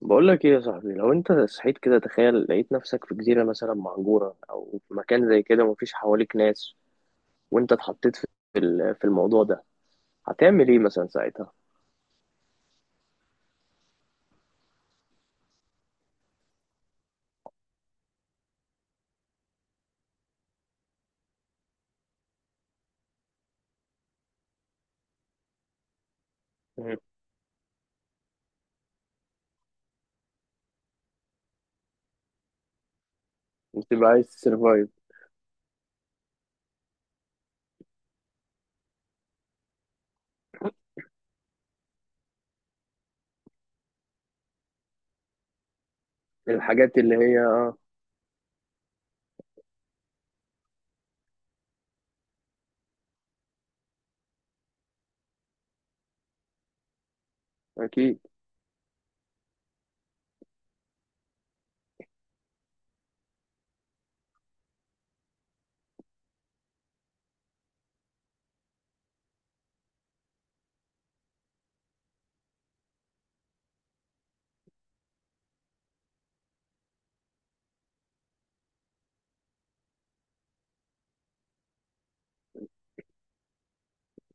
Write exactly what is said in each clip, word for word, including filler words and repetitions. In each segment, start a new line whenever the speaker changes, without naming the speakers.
بقول لك ايه يا صاحبي؟ لو انت صحيت كده، تخيل لقيت نفسك في جزيرة مثلا مهجورة او في مكان زي كده مفيش حواليك ناس، وانت اتحطيت في ال- في الموضوع ده، هتعمل ايه مثلا ساعتها؟ مم. بتبقى عايز تسرفايف الحاجات اللي هي اه اكيد.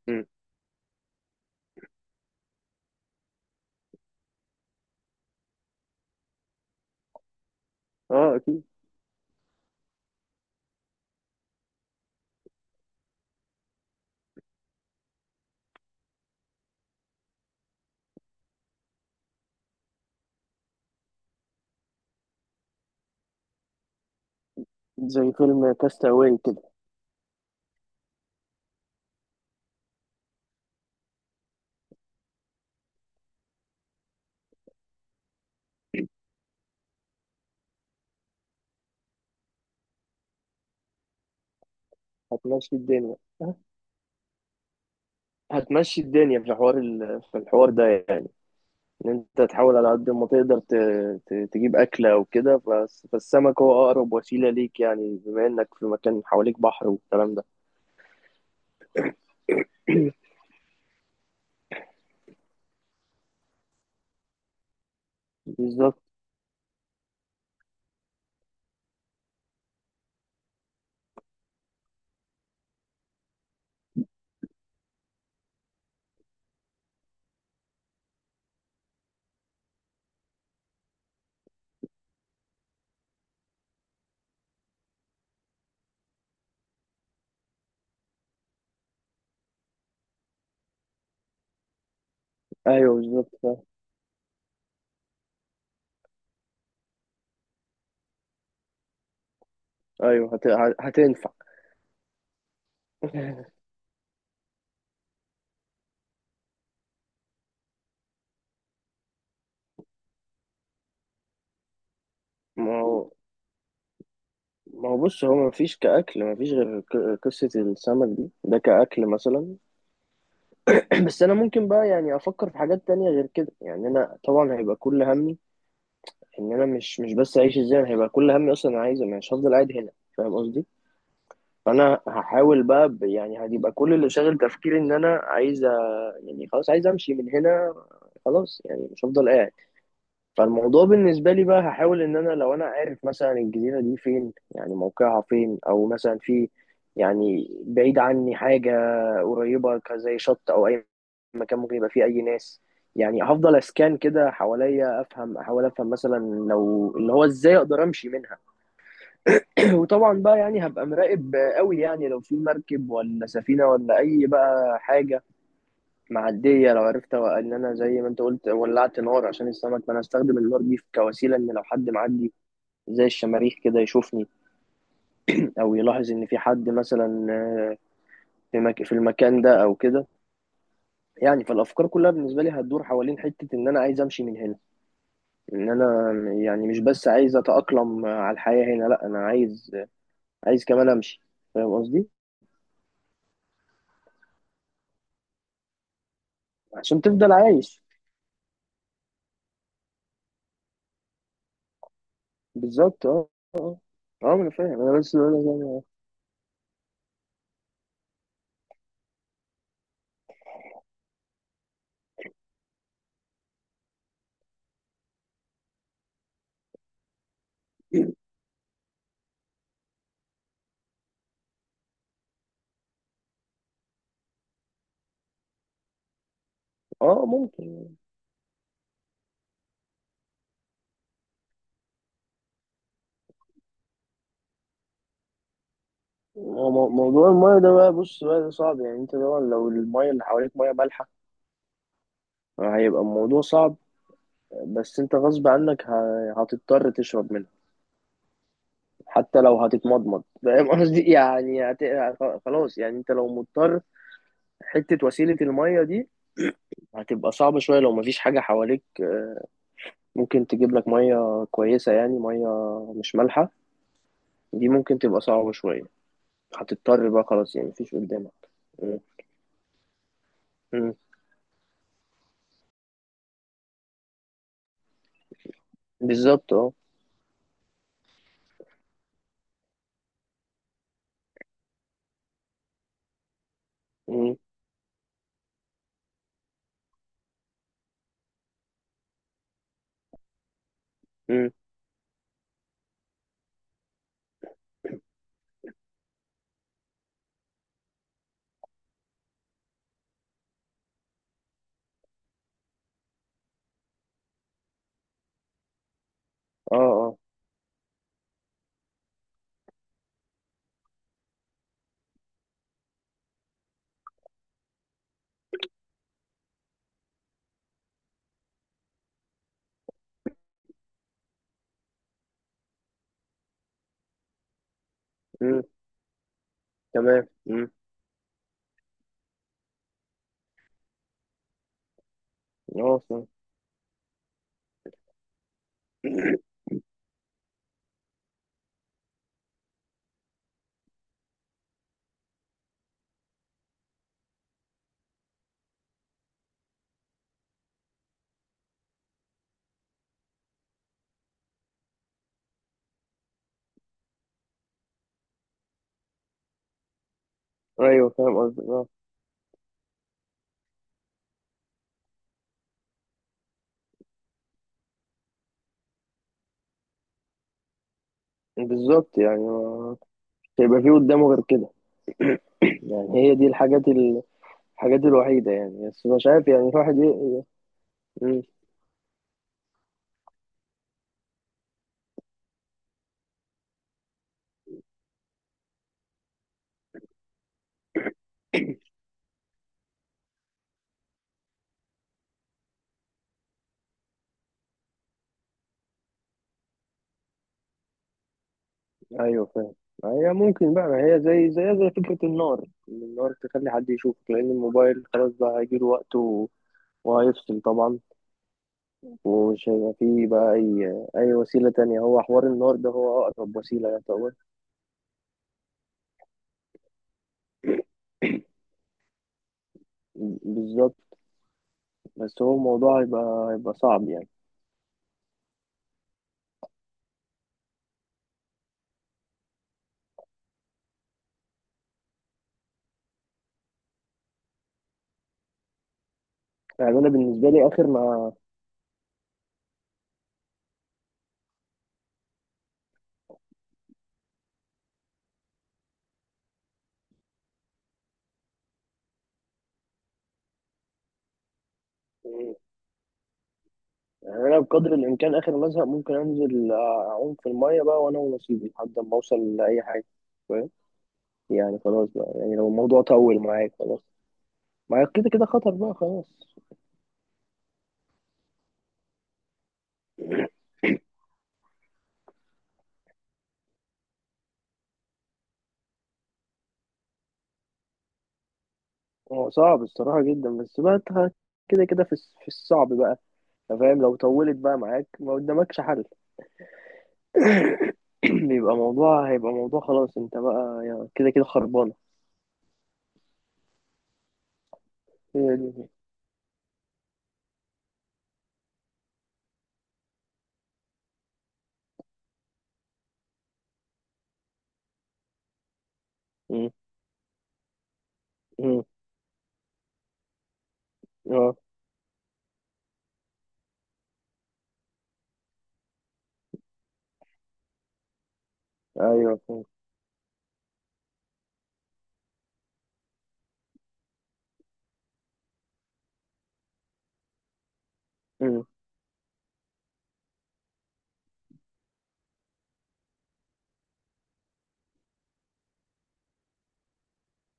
مم. اه اكيد. زي فيلم كاستاوي كده هتمشي الدنيا، هتمشي الدنيا في حوار ال... في الحوار ده يعني. ان انت تحاول على قد ما تقدر ت- ت- تجيب اكله وكده، فس- فالسمك هو اقرب وسيله ليك يعني، بما انك في مكان حواليك بحر والكلام ده. بالظبط. ايوه بالظبط فاهم. ايوه هت... هت- هتنفع. ما هو، ما هو بص، هو ما فيش كأكل، ما فيش غير ك- قصة السمك دي، ده كأكل مثلا. بس أنا ممكن بقى يعني أفكر في حاجات تانية غير كده، يعني أنا طبعا هيبقى كل همي إن أنا مش مش بس أعيش إزاي، أنا هيبقى كل همي أصلا أنا عايز، مش هفضل قاعد هنا. فاهم قصدي؟ فانا هحاول بقى ب- يعني هتبقى كل اللي شاغل تفكيري ان انا عايز أ- يعني خلاص عايز امشي من هنا، خلاص يعني مش هفضل قاعد. فالموضوع بالنسبه لي بقى هحاول ان انا لو انا عارف مثلا الجزيره دي فين، يعني موقعها فين، او مثلا في يعني بعيد عني حاجه قريبه ك- زي شط او اي مكان ممكن يبقى فيه اي ناس، يعني هفضل اسكان كده حواليا افهم، احاول افهم مثلا لو اللي هو ازاي اقدر امشي منها. وطبعا بقى يعني هبقى مراقب قوي، يعني لو في مركب ولا سفينة ولا أي بقى حاجة معدية، لو عرفت أوقع- إن أنا زي ما أنت قلت ولعت نار عشان السمك، فأنا أستخدم النار دي كوسيلة إن لو حد معدي زي الشماريخ كده يشوفني، أو يلاحظ إن في حد مثلا آه، في مك... في المكان ده أو كده، يعني فالأفكار كلها بالنسبة لي هتدور حوالين حتة إن أنا عايز أمشي من هنا. إن أنا يعني مش بس عايز أتأقلم على الحياة هنا، لأ أنا عايز، عايز كمان أمشي. فاهم قصدي؟ عشان تفضل عايش. بالظبط، اه اه اه. ما انا فاهم، انا بس بقول لك يعني. اه آه، ممكن. هو مو- موضوع المايه ده بقى، بص بقى ده صعب يعني، انت طبعا لو المايه اللي حواليك مايه مالحه هيبقى الموضوع صعب، بس انت غصب عنك ه- هتضطر تشرب منها، حتى لو هتتمضمض، فاهم قصدي؟ يعني هت... خلاص يعني انت لو مضطر، حته وسيله المايه دي هتبقى صعبه شويه، لو مفيش حاجه حواليك آه، ممكن تجيب لك مايه كويسه، يعني مايه مش مالحه، دي ممكن تبقى صعبه شويه، هتضطر بقى خلاص يعني مفيش قدامك. مم. مم. بالظبط اه. مم. مم. اه اه. مم. تمام. مم. اه فاهم. ايوه فاهم قصدك اه. بالظبط يعني ما- مش هيبقى في قدامه غير كده. يعني هي دي الحاجات ال... الحاجات الوحيدة يعني، بس مش عارف يعني الواحد ي... مم. ايوه فاهم. ما هي ممكن بقى، ما هي زي زي زي فكرة النار، إن النار تخلي حد يشوفك، لأن الموبايل خلاص بقى هيجيله وقته وهيفصل طبعا، ومش هيبقى فيه بقى أي أي وسيلة تانية، هو حوار النار ده هو أقرب وسيلة يعتبر. بالظبط. بس هو الموضوع هيبقى، هيبقى صعب يعني. يعني أنا بالنسبة لي آخر ما، يعني أنا بقدر الإمكان آخر ما أزهق ممكن أنزل أعوم في المية بقى وأنا ونصيبي لحد ما أوصل لأي حاجة، فاهم؟ يعني خلاص بقى، يعني لو الموضوع طول معاك خلاص. ما كده كده خطر بقى خلاص. هو صعب الصراحة جدا، بس بقى أنت كده كده في الس- في الصعب بقى، فاهم؟ لو طولت بقى معاك ما قدامكش حل، بيبقى موضوع، هيبقى موضوع خلاص، انت بقى يعني كده كده خربانة. هي دي. مم. مم. اه ايوه. مم.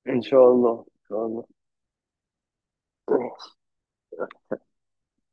ان شاء الله، ان شاء الله